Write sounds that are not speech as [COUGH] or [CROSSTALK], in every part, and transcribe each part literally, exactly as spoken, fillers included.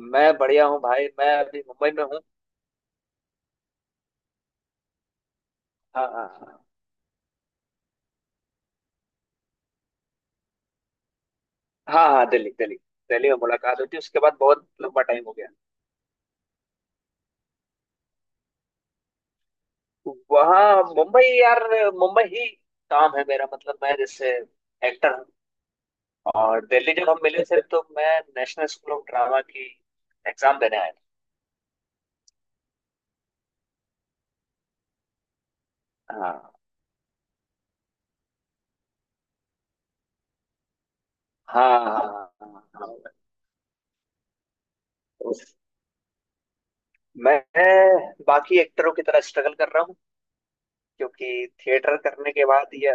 मैं बढ़िया हूँ भाई। मैं अभी मुंबई में हूँ। हाँ हाँ हाँ। हाँ हाँ, दिल्ली दिल्ली दिल्ली में मुलाकात हुई थी। उसके बाद बहुत लंबा टाइम हो गया। वहाँ मुंबई यार। मुंबई ही काम है मेरा। मतलब मैं जैसे एक्टर हूँ। और दिल्ली जब हम मिले थे तो मैं नेशनल स्कूल ऑफ ड्रामा की एग्जाम देने आया था। हाँ हाँ। हाँ हाँ हाँ। उस- मैं बाकी एक्टरों की तरह स्ट्रगल कर रहा हूँ क्योंकि थिएटर करने के बाद ये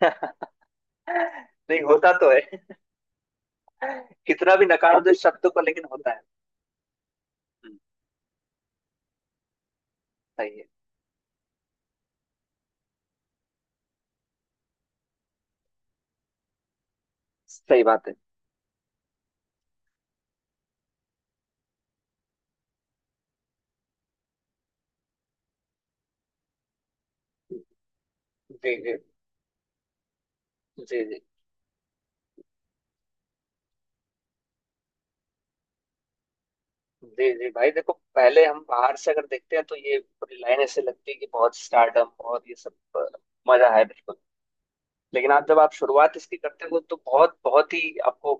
[LAUGHS] नहीं होता तो है। [LAUGHS] कितना भी नकार दो इस शब्द को, लेकिन होता है। हम्म, सही है। सही बात है। जी जी। जी जी। जी जी भाई, देखो पहले हम बाहर से अगर देखते हैं तो ये पूरी लाइन ऐसे लगती है कि बहुत स्टार्टअप, बहुत ये सब अ, मजा है बिल्कुल। लेकिन आप जब आप शुरुआत इसकी करते हो तो बहुत बहुत ही आपको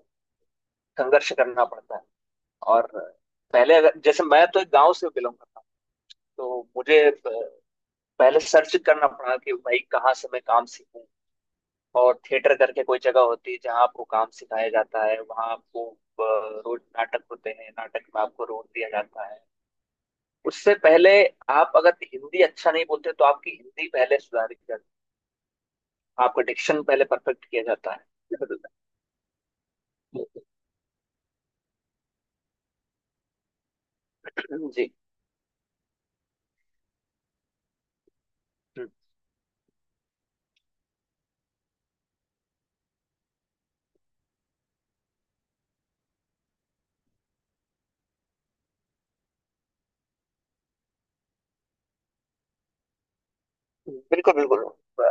संघर्ष करना पड़ता है। और पहले अगर जैसे मैं तो एक गांव से बिलोंग करता हूँ, तो मुझे अ, पहले सर्च करना पड़ा कि भाई कहाँ से मैं काम सीखूं। और थिएटर करके कोई जगह होती है जहाँ आपको काम सिखाया जाता है। वहाँ आपको अ, रोज नाटक होते हैं, नाटक में आपको रोल दिया जाता है। उससे पहले आप अगर हिंदी अच्छा नहीं बोलते तो आपकी हिंदी पहले सुधारी जाती है, आपका डिक्शन पहले परफेक्ट किया जाता है। जी। बिल्कुल बिल्कुल। अ,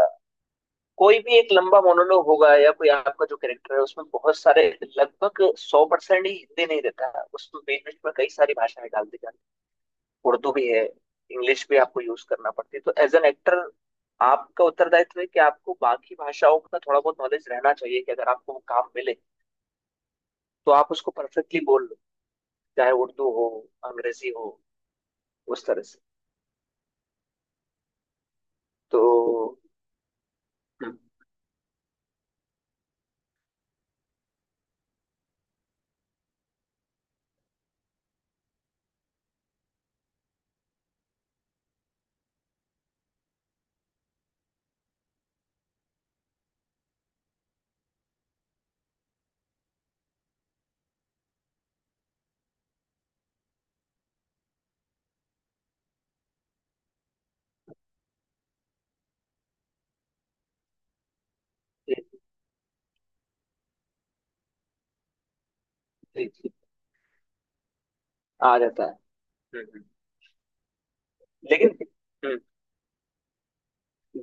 कोई भी एक लंबा मोनोलॉग होगा या कोई आपका जो कैरेक्टर है उसमें बहुत सारे, लगभग सौ परसेंट ही हिंदी नहीं देता है। उसमें बीच बीच में कई सारी भाषाएं डाल दी जाती हैं। उर्दू भी है, इंग्लिश भी आपको यूज करना पड़ती है। तो एज एन एक्टर आपका उत्तरदायित्व है कि आपको बाकी भाषाओं का थोड़ा बहुत नॉलेज रहना चाहिए कि अगर आपको वो काम मिले तो आप उसको परफेक्टली बोल लो, चाहे उर्दू हो, अंग्रेजी हो, उस तरह से। तो हम्म, जी जी। जी, आ जाता है। हम्म, हम्म। लेकिन हम्म,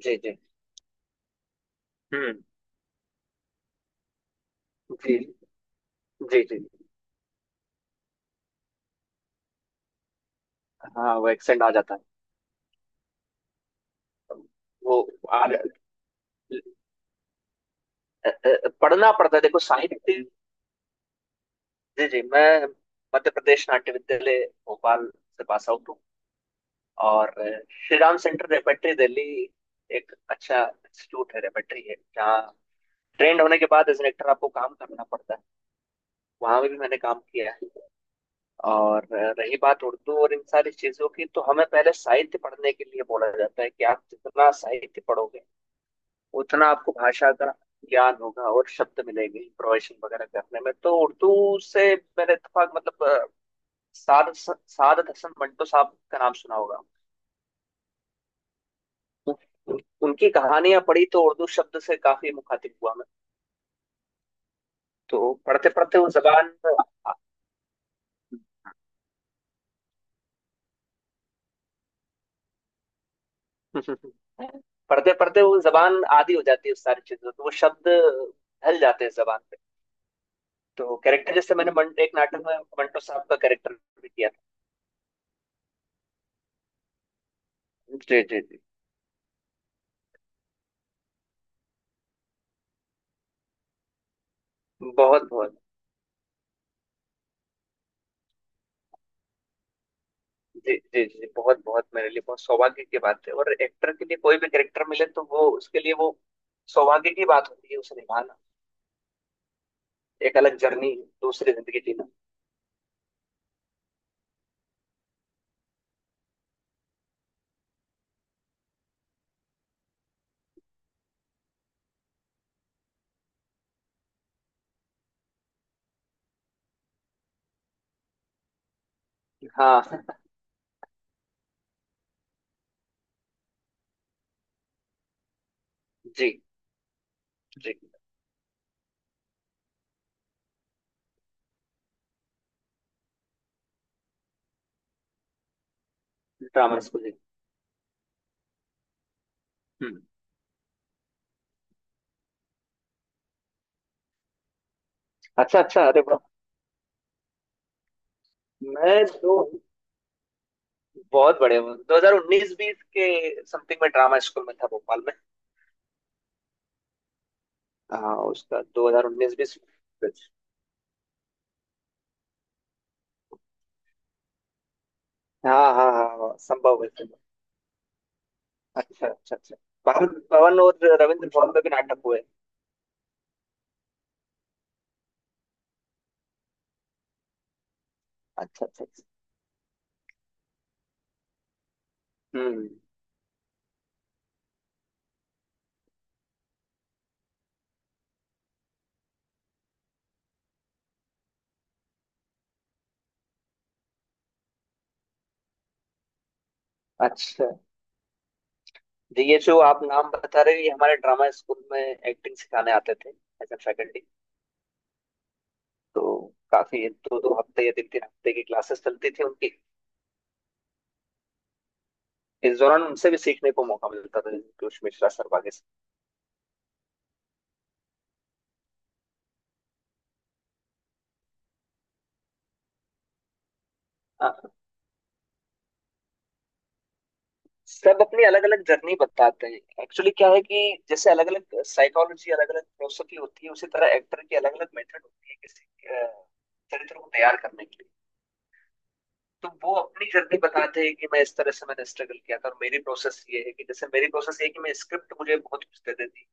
जी जी। हम्म। जी जी जी। हाँ वो एक्सेंट आ जाता है। वो आ, अ- अ- पढ़ना पड़ता है, देखो साहित्य। जी जी। मैं मध्य प्रदेश नाट्य विद्यालय, भोपाल से पास आउट हूँ। और अ, श्री राम सेंटर रेपेट्री दिल्ली एक अच्छा इंस्टीट्यूट है, रेपेट्री है जहाँ ट्रेंड होने के बाद एज एन एक्टर आपको काम करना पड़ता है। वहां भी मैंने काम किया है। और अ, रही बात उर्दू और इन सारी चीजों की, तो हमें पहले साहित्य पढ़ने के लिए बोला जाता है कि आप जितना साहित्य पढ़ोगे उतना आपको भाषा का ज्ञान होगा और शब्द मिलेंगे इम्प्रोवाइजेशन वगैरह करने में। तो उर्दू से मेरा इत्तेफाक, मतलब साद सादत हसन मंटो साहब का नाम सुना होगा। उन, उन- उनकी कहानियां पढ़ी तो उर्दू शब्द से काफी मुखातिब हुआ मैं। तो पढ़ते पढ़ते वो जबान [LAUGHS] पढ़ते पढ़ते वो जबान आदी हो जाती है उस सारी चीजों, तो वो शब्द ढल जाते हैं जबान पे। तो कैरेक्टर, जैसे मैंने मन, एक नाटक में मंटो साहब का कैरेक्टर भी किया था। जी जी जी। बहुत बहुत। जी जी जी, बहुत बहुत मेरे लिए बहुत सौभाग्य की बात है। और एक्टर के लिए कोई भी कैरेक्टर मिले तो वो उसके लिए वो सौभाग्य की बात होती है उसे निभाना, एक अलग जर्नी, दूसरी जिंदगी जीना। हाँ। जी जी। ड्रामा स्कूल जी। हम्म। अच्छा अच्छा, अरे वाह। मैं तो बहुत बड़े हूँ, दो हज़ार उन्नीस बीस के समथिंग में ड्रामा स्कूल में था, भोपाल में। हाँ, उसका दो हज़ार उन्नीस बीस कुछ। हाँ हाँ हाँ हाँ, संभव है, संभव। अच्छा अच्छा अच्छा। पवन पवन और रविंद्र भवन में भी नाटक हुए। अच्छा अच्छा अच्छा। हम्म। अच्छा, जी, ये जो आप नाम बता रहे हैं ये हमारे ड्रामा स्कूल में एक्टिंग सिखाने आते थे एज ए फैकल्टी। तो काफी दो दो हफ्ते या तीन तीन हफ्ते की क्लासेस चलती थी उनकी। इस दौरान उनसे भी सीखने को मौका मिलता था, पीयूष मिश्रा सर वगैरह से। हाँ, सब अपनी अलग अलग जर्नी बताते हैं। एक्चुअली क्या है कि जैसे अलग अलग साइकोलॉजी, अलग अलग फिलोसफी होती है, उसी तरह एक्टर की अलग अलग मेथड होती है किसी अ, चरित्र को तैयार करने के लिए। तो वो अपनी जर्नी बताते हैं कि मैं इस तरह से मैंने स्ट्रगल किया था और मेरी प्रोसेस ये है कि, जैसे मेरी प्रोसेस ये है कि मैं स्क्रिप्ट, मुझे बहुत कुछ दे देती है,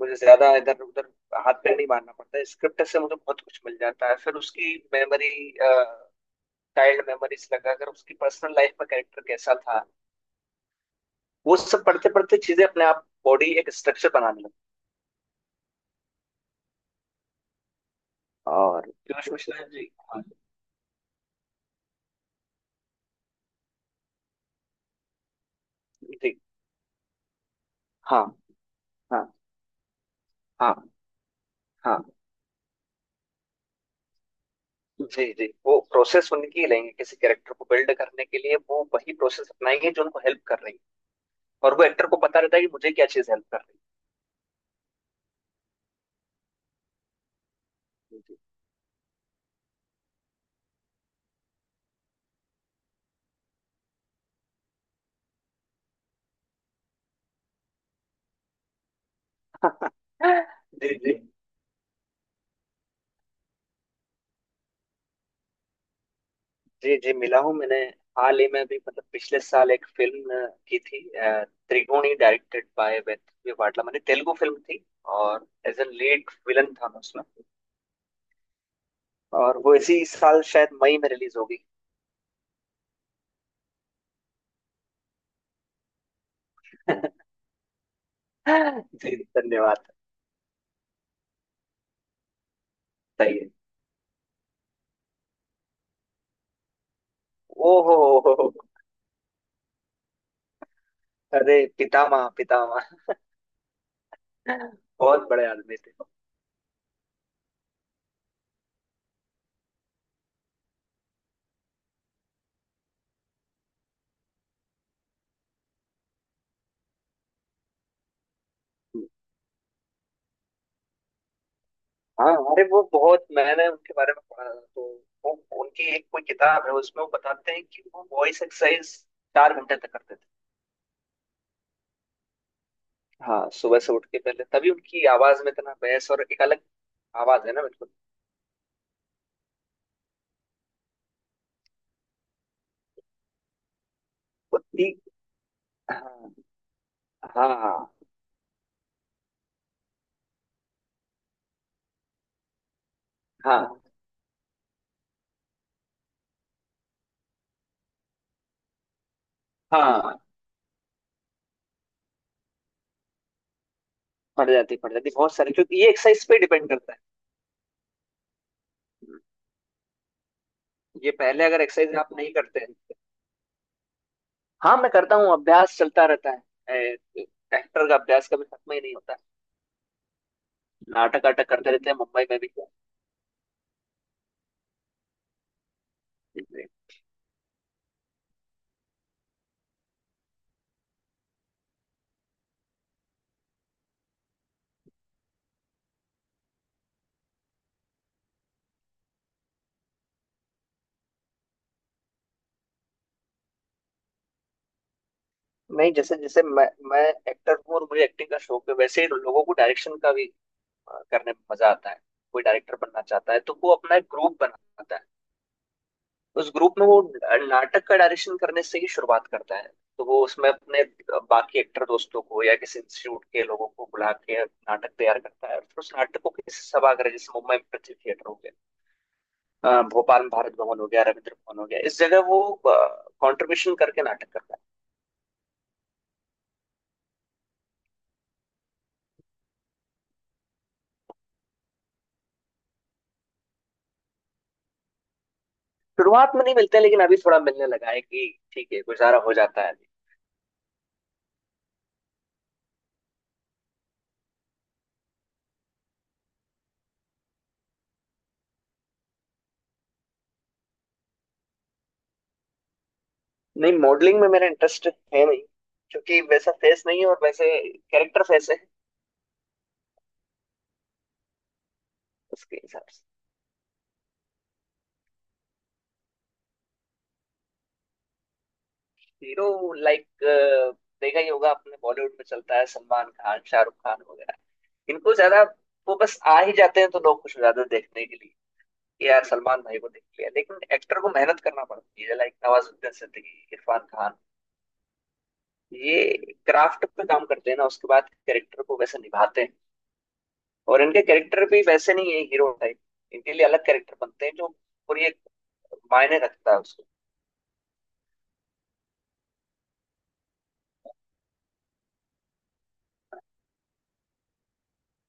मुझे ज्यादा इधर उधर हाथ पैर नहीं मारना पड़ता है, स्क्रिप्ट से मुझे बहुत कुछ मिल जाता है। फिर उसकी मेमोरी, चाइल्ड मेमोरीज लगाकर उसकी पर्सनल लाइफ में कैरेक्टर कैसा था, वो सब पढ़ते पढ़ते चीजें अपने आप बॉडी एक स्ट्रक्चर बनाने लगी। और पीयूष मिश्रा जी, हाँ। जी। हाँ। हाँ। हाँ हाँ। जी जी, वो प्रोसेस उनकी ही लेंगे किसी कैरेक्टर को बिल्ड करने के लिए, वो वही प्रोसेस अपनाएंगे जो उनको हेल्प कर रही है। और वो एक्टर को पता रहता है कि मुझे क्या चीज हेल्प कर रही है जी। [LAUGHS] जी जी जी। जी जी मिला हूँ मैंने। हाल ही में भी, मतलब पिछले साल एक फिल्म अ, की थी। अ, त्रिगुणी, डायरेक्टेड बाय वेदव्य वाटला, मैंने तेलुगु फिल्म थी। और एज ए लीड विलन था मैं उसमें। और वो इसी साल शायद मई में रिलीज होगी। [LAUGHS] जी, धन्यवाद। सही है। ओ हो। हो, हो, अरे पितामह पितामह। बहुत बड़े आदमी थे। हाँ, अरे वो बहुत, मैंने उनके बारे में पढ़ा था, तो वो, उनकी एक कोई किताब है उसमें वो बताते हैं कि वो वॉइस एक्सरसाइज चार घंटे तक करते थे। हाँ, सुबह से उठ के, पहले, तभी उनकी आवाज में इतना बहस और एक अलग आवाज है ना, बिल्कुल। उतनी। हाँ हाँ। हाँ हाँ। पड़ जाती पड़ जाती बहुत सारी, क्योंकि ये एक्सरसाइज पे डिपेंड करता है। ये पहले अगर एक्सरसाइज आप नहीं करते हैं। हाँ, मैं करता हूँ, अभ्यास चलता रहता है। एक्टर का अभ्यास कभी खत्म ही नहीं होता। नाटक आटक करते रहते हैं मुंबई में भी। नहीं जैसे जैसे मैं मैं एक्टर हूँ और मुझे एक्टिंग का शौक है, वैसे ही लोगों को डायरेक्शन का भी करने में मजा आता है। कोई डायरेक्टर बनना चाहता है तो वो अपना एक ग्रुप बनाता है, उस ग्रुप में वो नाटक का डायरेक्शन करने से ही शुरुआत करता है। तो वो उसमें अपने बाकी एक्टर दोस्तों को या किसी इंस्टीट्यूट के लोगों को बुला के नाटक तैयार करता है और फिर उस नाटक को किसी सभागार, जैसे मुंबई में पृथ्वी थिएटर हो गया, अ, भोपाल में भारत भवन हो गया, रविंद्र भवन हो गया, इस जगह वो कंट्रीब्यूशन करके नाटक करता है। शुरुआत में नहीं मिलते, लेकिन अभी थोड़ा मिलने लगा है कि ठीक है, गुजारा हो जाता है। नहीं, मॉडलिंग में मेरा इंटरेस्ट है नहीं, क्योंकि वैसा फेस नहीं है और वैसे कैरेक्टर फेस है। उसके हिसाब से हीरो लाइक, देखा ही होगा आपने, बॉलीवुड में चलता है सलमान खान, शाहरुख खान वगैरह, इनको ज्यादा, वो बस आ ही जाते हैं तो लोग खुश हो जाते हैं देखने के लिए कि यार सलमान भाई को देख लिया। लेकिन एक्टर को मेहनत करना पड़ती है, लाइक नवाजुद्दीन सिद्दीकी, इरफान खान, ये क्राफ्ट पे काम करते हैं ना, उसके बाद कैरेक्टर को वैसे निभाते हैं। और इनके कैरेक्टर भी वैसे नहीं है हीरो टाइप, इनके लिए अलग कैरेक्टर बनते हैं जो पूरी एक मायने रखता है उसको।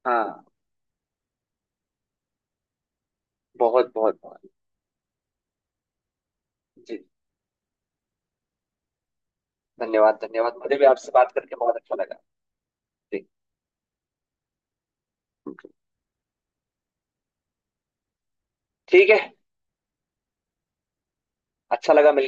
हाँ, बहुत बहुत बहुत। जी, धन्यवाद धन्यवाद। मुझे भी आपसे बात करके बहुत अच्छा लगा। जी। ठीक है। अच्छा लगा मिलकर।